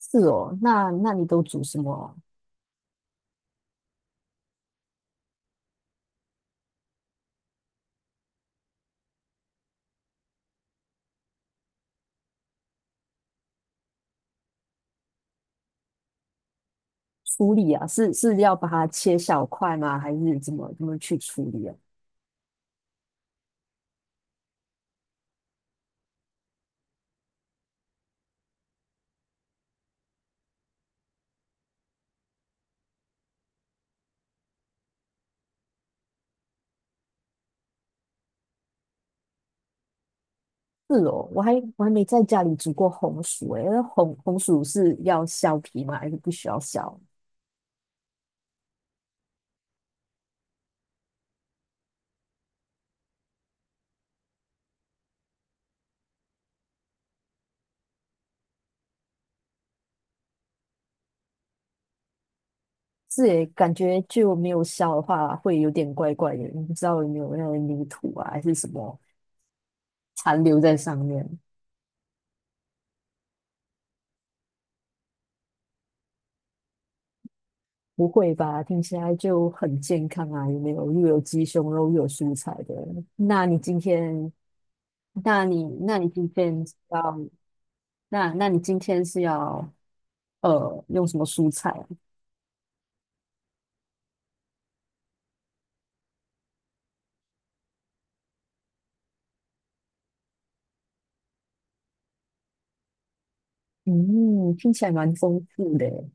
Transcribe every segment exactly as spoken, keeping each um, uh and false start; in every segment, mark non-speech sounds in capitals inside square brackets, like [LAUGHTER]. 是哦，那那你都煮什么处理啊？是是要把它切小块吗？还是怎么怎么去处理啊？是哦，我还我还没在家里煮过红薯诶，那红红薯是要削皮吗？还是不需要削？是诶，感觉就没有削的话会有点怪怪的，你不知道有没有那个泥土啊，还是什么残留在上面？不会吧？听起来就很健康啊，有没有？又有鸡胸肉，又有蔬菜的。那你今天那你那你今天是要那那你今天是要呃用什么蔬菜啊？嗯，听起来蛮丰富的耶。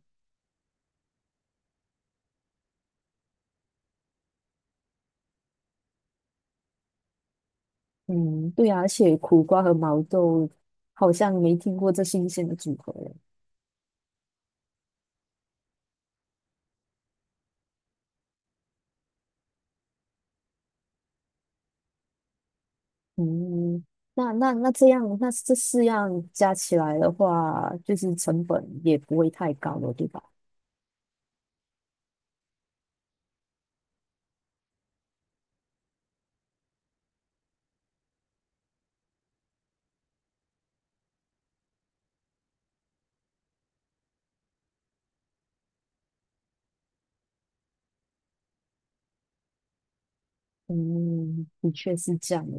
嗯，对啊，而且苦瓜和毛豆好像没听过这新鲜的组合耶。嗯，那那那这样，那这四样加起来的话，就是成本也不会太高了，对吧？嗯，的确是这样的。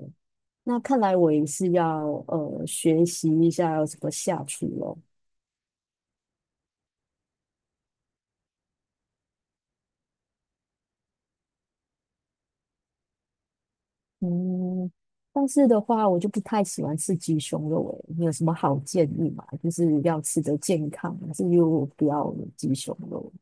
那看来我也是要呃学习一下要怎么下厨咯。嗯，但是的话，我就不太喜欢吃鸡胸肉诶，你有什么好建议吗？就是要吃的健康，还是又不要有鸡胸肉？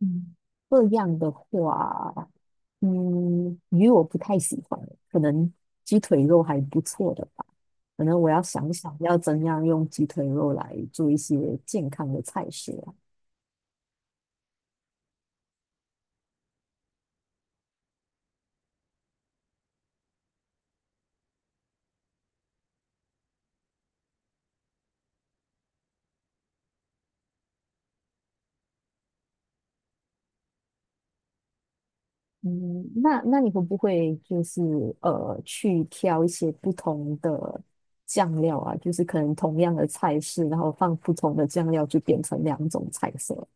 嗯，这样的话，嗯，鱼我不太喜欢，可能鸡腿肉还不错的吧。可能我要想想要怎样用鸡腿肉来做一些健康的菜式。嗯，那那你会不会就是呃去挑一些不同的酱料啊？就是可能同样的菜式，然后放不同的酱料，就变成两种菜色。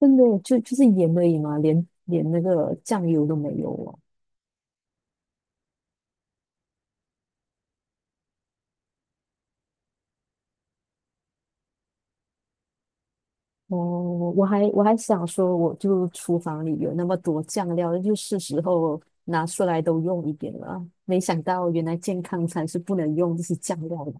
真的就就是盐而已嘛，连连那个酱油都没有哦。哦，我还我还想说，我就厨房里有那么多酱料，就是时候拿出来都用一点了。没想到原来健康餐是不能用这些酱料的。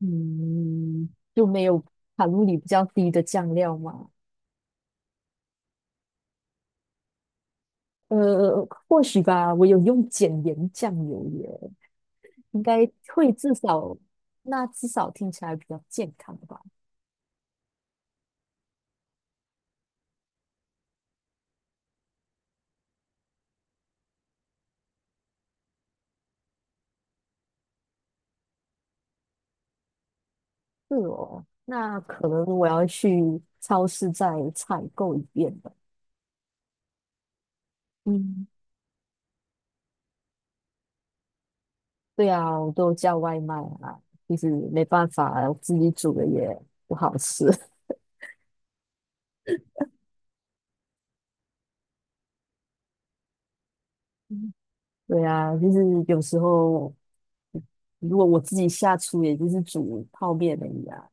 嗯，就没有卡路里比较低的酱料吗？呃，或许吧，我有用减盐酱油耶，应该会至少，那至少听起来比较健康吧。是哦，那可能我要去超市再采购一遍吧。嗯，对啊，我都叫外卖啊，就是没办法，自己煮的也不好吃。[LAUGHS] 嗯，对啊，就是有时候如果我自己下厨，也就是煮泡面而已啊。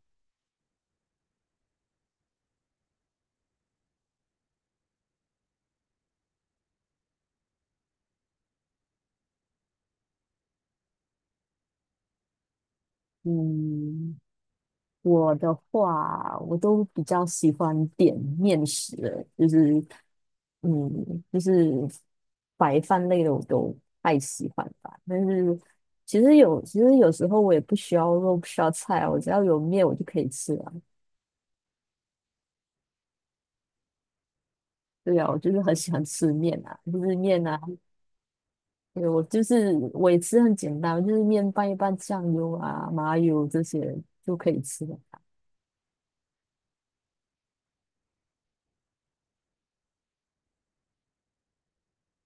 嗯，我的话，我都比较喜欢点面食了，就是嗯，就是白饭类的我都太喜欢吧。但是其实有，其实有时候我也不需要肉，不需要菜啊，我只要有面我就可以吃了。对啊，我就是很喜欢吃面啊，就是面啊，对，我就是我也吃很简单，就是面拌一拌酱油啊、麻油这些就可以吃了。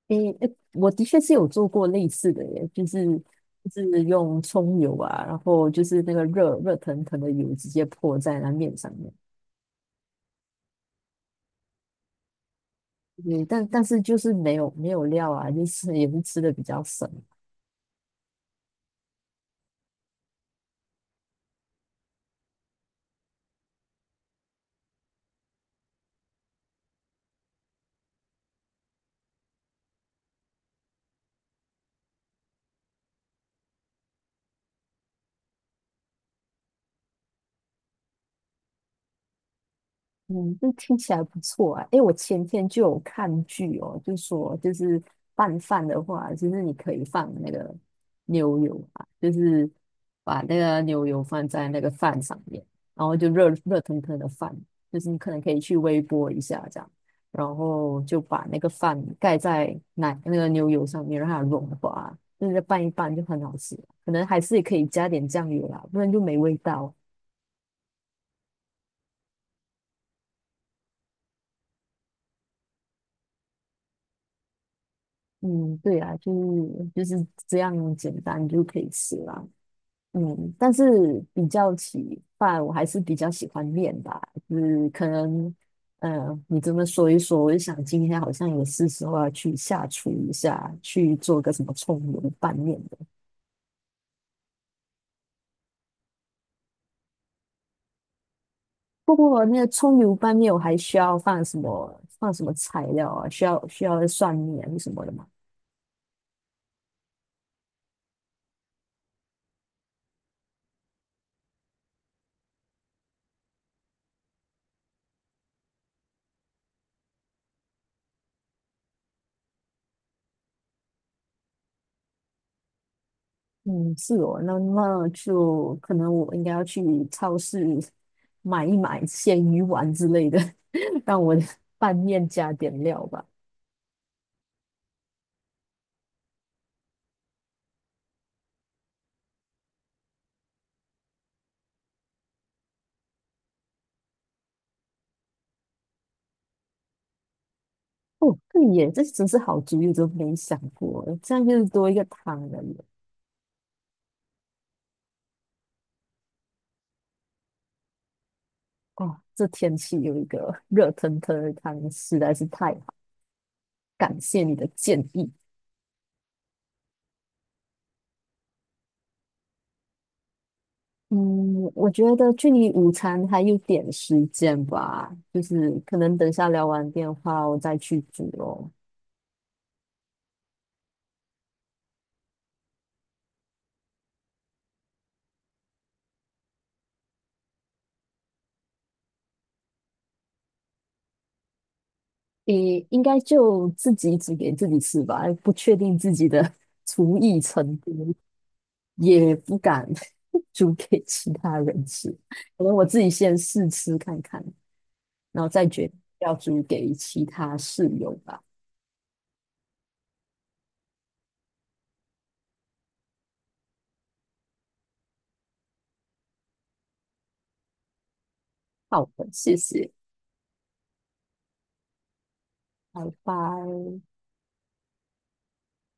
诶，诶我的确是有做过类似的耶，就是就是用葱油啊，然后就是那个热热腾腾的油直接泼在那面上面，对，但但是就是没有没有料啊，就是也是吃的比较省。嗯，这听起来不错啊！诶，我前天就有看剧哦，就说就是拌饭的话，就是你可以放那个牛油啊，就是把那个牛油放在那个饭上面，然后就热热腾腾的饭，就是你可能可以去微波一下这样，然后就把那个饭盖在奶那个牛油上面，让它融化，就是拌一拌就很好吃。可能还是可以加点酱油啦，不然就没味道。嗯，对啊，就是就是这样简单就可以吃啦。嗯，但是比较起饭，我还是比较喜欢面吧。就是可能，呃，你这么说一说，我就想今天好像也是时候要去下厨一下，去做个什么葱油拌面的。不过那个葱油拌面，我还需要放什么放什么材料啊？需要需要蒜泥啊什么的吗？嗯，是哦，那那就可能我应该要去超市买一买鲜鱼丸之类的，[LAUGHS] 让我的拌面加点料吧。哦，对耶，这真是好主意，我都没想过，这样就是多一个汤了耶。哦，这天气有一个 [LAUGHS] 热腾腾的汤实在是太好，感谢你的建议。嗯，我觉得距离午餐还有点时间吧，就是可能等下聊完电话我再去煮哦。诶，应该就自己煮给自己吃吧，不确定自己的 [LAUGHS] 厨艺程度，也不敢 [LAUGHS] 煮给其他人吃。可能我自己先试吃看看，然后再决定要煮给其他室友吧。好的，谢谢，拜拜。